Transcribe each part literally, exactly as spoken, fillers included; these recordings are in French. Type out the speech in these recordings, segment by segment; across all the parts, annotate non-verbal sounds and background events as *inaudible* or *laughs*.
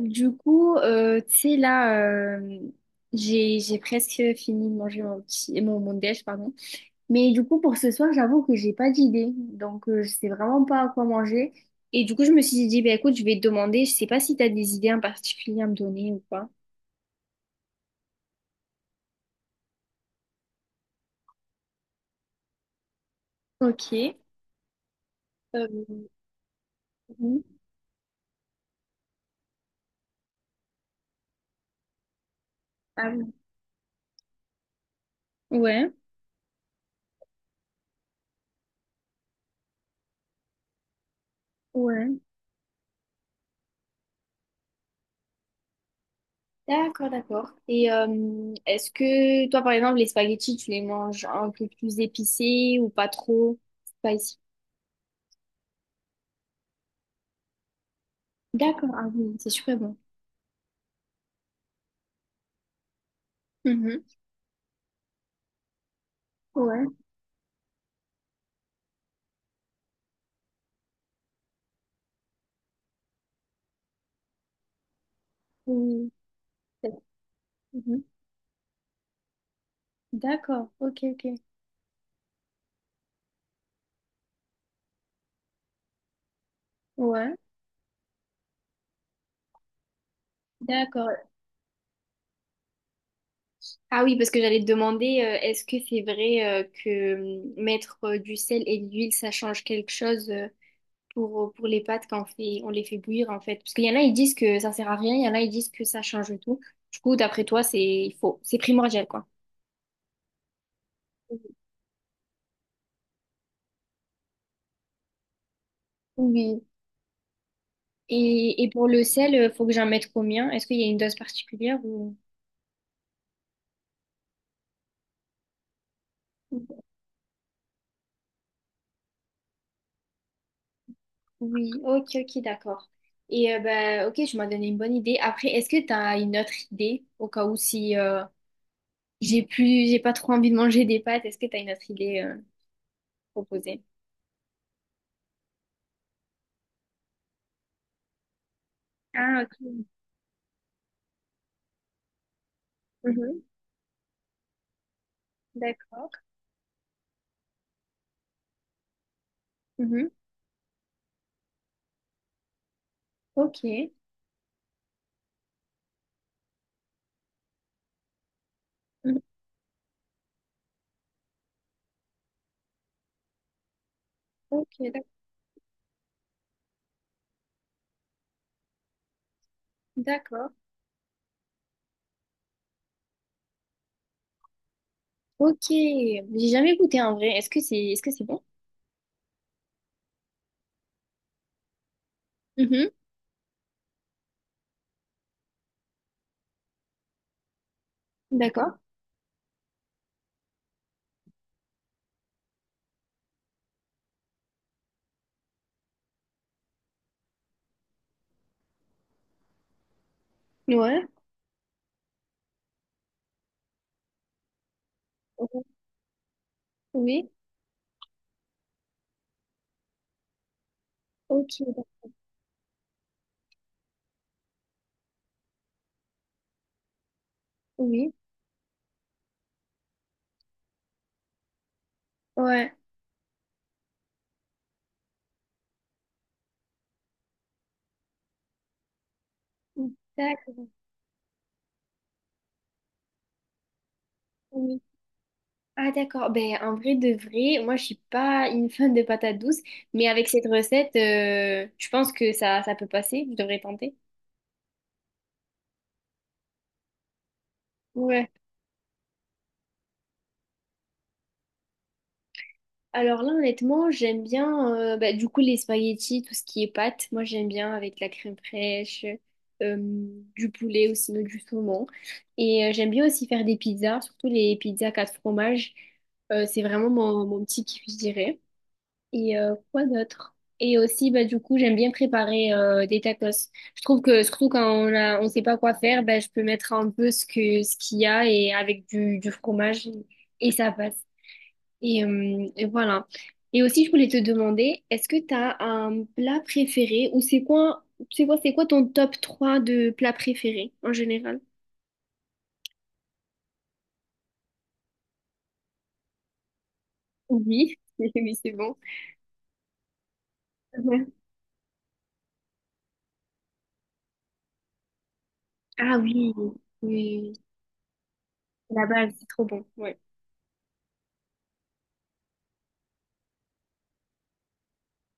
Du coup, euh, tu sais, là, euh, j'ai, j'ai presque fini de manger mon petit, mon, mon déj, pardon. Mais du coup, pour ce soir, j'avoue que j'ai pas d'idée. Donc, euh, je sais vraiment pas à quoi manger. Et du coup, je me suis dit, bah, écoute, je vais te demander, je sais pas si t'as des idées en particulier à me donner ou pas. Ok. Euh, oui. Ah oui. Ouais, ouais. D'accord, d'accord. Et euh, est-ce que toi, par exemple, les spaghettis, tu les manges un peu plus épicés ou pas trop spicy? D'accord, ah oui, c'est super bon. Mhm. Ouais. Ou Mhm. D'accord. Ok, ok. Ouais. D'accord. Ah oui, parce que j'allais te demander, euh, est-ce que c'est vrai euh, que hum, mettre euh, du sel et de l'huile, ça change quelque chose euh, pour, euh, pour les pâtes quand on fait, on les fait bouillir en fait? Parce qu'il y en a, ils disent que ça sert à rien, il y en a, ils disent que ça change tout. Du coup, d'après toi, c'est il faut, c'est primordial quoi. Oui. Et, et pour le sel, euh, faut que j'en mette combien? Est-ce qu'il y a une dose particulière ou... Oui, ok, ok, d'accord. Et euh, ben, ok, je m'as donné une bonne idée. Après, est-ce que tu as une autre idée au cas où si euh, j'ai plus, j'ai pas trop envie de manger des pâtes, est-ce que tu as une autre idée euh, proposée? Ah, ok. Mhm, d'accord. Mhm, ok. Mhm, ok, d'ac- d'accord. Ok. J'ai jamais goûté en vrai. Est-ce que c'est, est-ce que c'est bon? Mhm, d'accord. Ouais. Oui. Ok. d'ac- Oui. Ouais. D'accord. Oui. Ah d'accord, ben en vrai de vrai, moi je suis pas une fan de patates douces, mais avec cette recette, euh, je pense que ça, ça peut passer, je devrais tenter. Ouais. Alors là honnêtement, j'aime bien euh, ben, du coup les spaghettis, tout ce qui est pâtes, moi j'aime bien avec de la crème fraîche, euh, du poulet ou sinon du saumon. Et euh, j'aime bien aussi faire des pizzas, surtout les pizzas quatre fromages. Euh, c'est vraiment mon, mon petit kiff, je dirais. Et euh, quoi d'autre? Et aussi, bah, du coup, j'aime bien préparer euh, des tacos. Je trouve que surtout quand on a, on sait pas quoi faire, bah, je peux mettre un peu ce que ce qu'il y a et avec du, du fromage et ça passe. Et, euh, et voilà. Et aussi, je voulais te demander, est-ce que tu as un plat préféré ou c'est quoi, c'est quoi, c'est quoi ton top trois de plats préférés en général? Oui, *laughs* oui, c'est bon. Ouais. Ah oui, oui, la base, c'est trop bon. Ouais.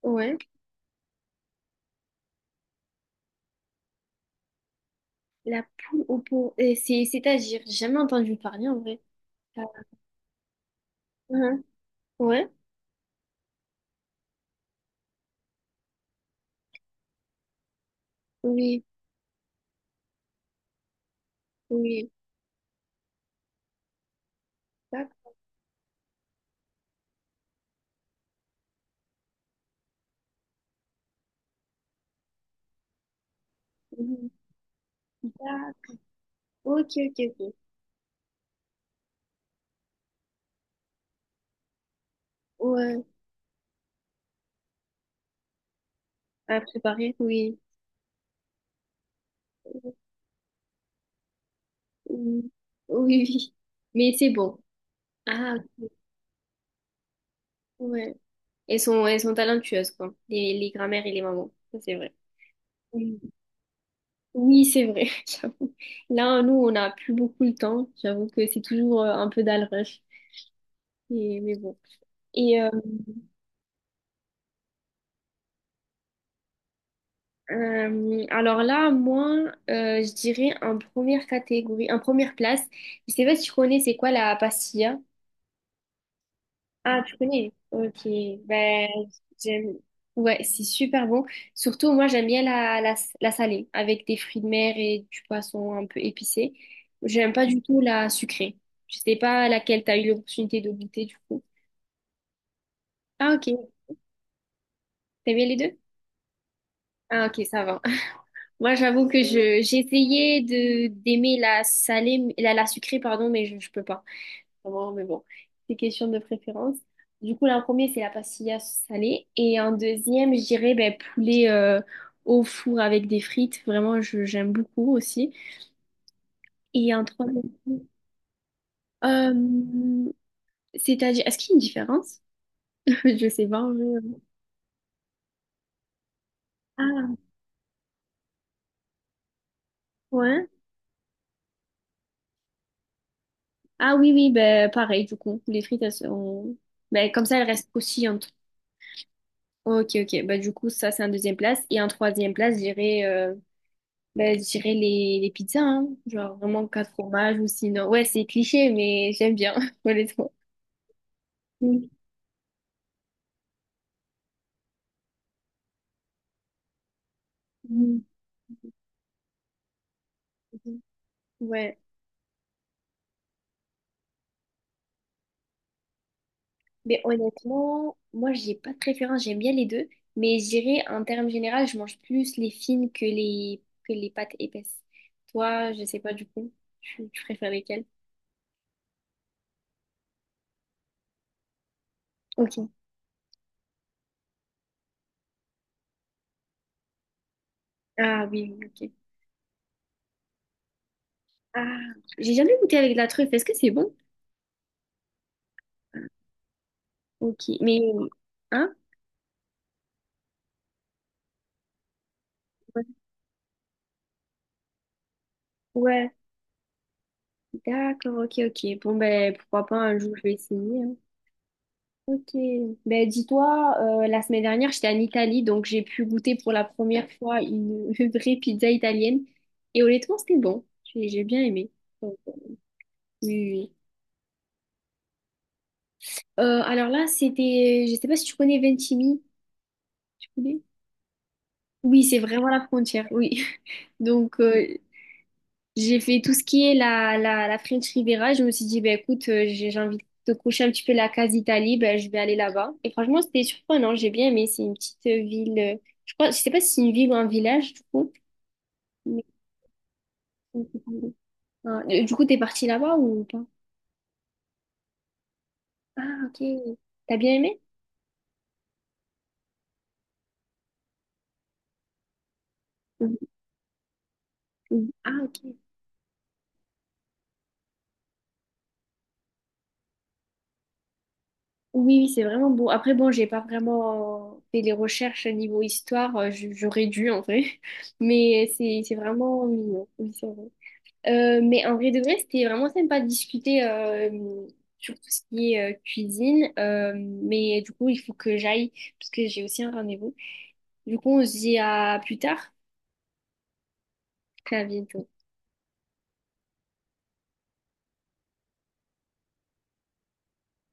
Ouais. La poule au pot. Euh, C'est, c'est-à-dire, j'ai jamais entendu parler en vrai. Ah, hein. Ouais, oui, oui. Tac, oui, tac. Ok, ok, ok. Ouais, à préparer, oui. Oui, oui. oui. Mais c'est bon. Ah, ouais. Elles sont, elles sont talentueuses, quoi. Les, les grands-mères et les mamans. Ça, c'est vrai. Oui, Oui, c'est vrai, *laughs* j'avoue. Là, nous, on n'a plus beaucoup le temps. J'avoue que c'est toujours euh, un peu dans le rush. Et- mais bon. Et, euh, Euh, alors là, moi, euh, je dirais en première catégorie, en première place. Je sais pas si tu connais, c'est quoi la pastilla? Ah, tu connais? Ok. Ben, j'aime. Ouais, c'est super bon. Surtout, moi, j'aime bien la, la, la salée avec des fruits de mer et du poisson un peu épicé. J'aime pas du tout la sucrée. Je sais pas laquelle t'as eu l'opportunité de goûter, du coup. Ah, ok. T'aimes bien les deux? Ah, ok, ça va. Moi, j'avoue que je j'ai essayé de d'aimer la salée, la, la sucrée, pardon, mais je, je peux pas. Vraiment, mais bon, c'est question de préférence. Du coup, là, en premier, c'est la pastilla salée. Et en deuxième, je dirais ben, poulet euh, au four avec des frites. Vraiment, je, j'aime beaucoup aussi. Et en troisième, euh, c'est-à-dire, est-ce qu'il y a une différence? *laughs* Je sais pas. En vrai. Ah, ouais. Ah oui, oui, ben, pareil, du coup. Les frites, elles sont... Ben, comme ça, elles restent aussi Ok, ok. Bah, du coup, ça, c'est un deuxième place. Et en troisième place, j'irais euh, bah, j'irais les, les pizzas, hein. Genre vraiment quatre fromages ou sinon. Ouais, c'est cliché, mais j'aime bien, *laughs* honnêtement. Mhm. Mhm. Ouais. Mais honnêtement, moi, j'ai pas de préférence. J'aime bien les deux. Mais j'irais, en termes généraux, je mange plus les fines que les, que les pâtes épaisses. Toi, je sais pas du coup. Tu, tu préfères lesquelles? Ok. Ah oui, oui, ok. Ah, j'ai jamais goûté avec de la truffe. Est-ce que c'est bon? Ok. Mais. Hein Ouais, Ouais. d'accord, ok, ok. Bon, ben, pourquoi pas un jour, je vais essayer. Hein. Ok. Ben, dis-toi, euh, la semaine dernière, j'étais en Italie, donc j'ai pu goûter pour la première fois une, *laughs* une vraie pizza italienne. Et honnêtement, c'était bon. J'ai j'ai bien aimé. Donc, euh, oui, oui. oui. Euh, alors là, c'était, je sais pas si tu connais Ventimille, tu connais? Oui, c'est vraiment la frontière, oui. *laughs* Donc, euh, J'ai fait tout ce qui est la, la, la French Riviera. Je me suis dit, ben écoute, euh, j'ai j'ai envie de coucher un petit peu la case Italie ben je vais aller là-bas. Et franchement, c'était surprenant, j'ai bien aimé. C'est une petite euh, ville, euh, je crois, je sais pas si c'est une ville ou un village, du coup. Mais- Ah, euh, Du coup, t'es partie là-bas ou pas? Ah, ok. T'as bien aimé? Mhm. Mhm. Ah, ok. Oui, oui, c'est vraiment beau. Après, bon, j'ai pas vraiment fait les recherches niveau histoire, euh, j- j'aurais dû en vrai, *laughs* mais c'est c'est vraiment mignon. Oui, c'est vrai. Euh, mais en vrai de vrai, c'était vraiment sympa de discuter euh, sur tout ce qui est euh, cuisine. Euh, mais du coup, il faut que j'aille parce que j'ai aussi un rendez-vous. Du coup, on se dit à plus tard. À vite.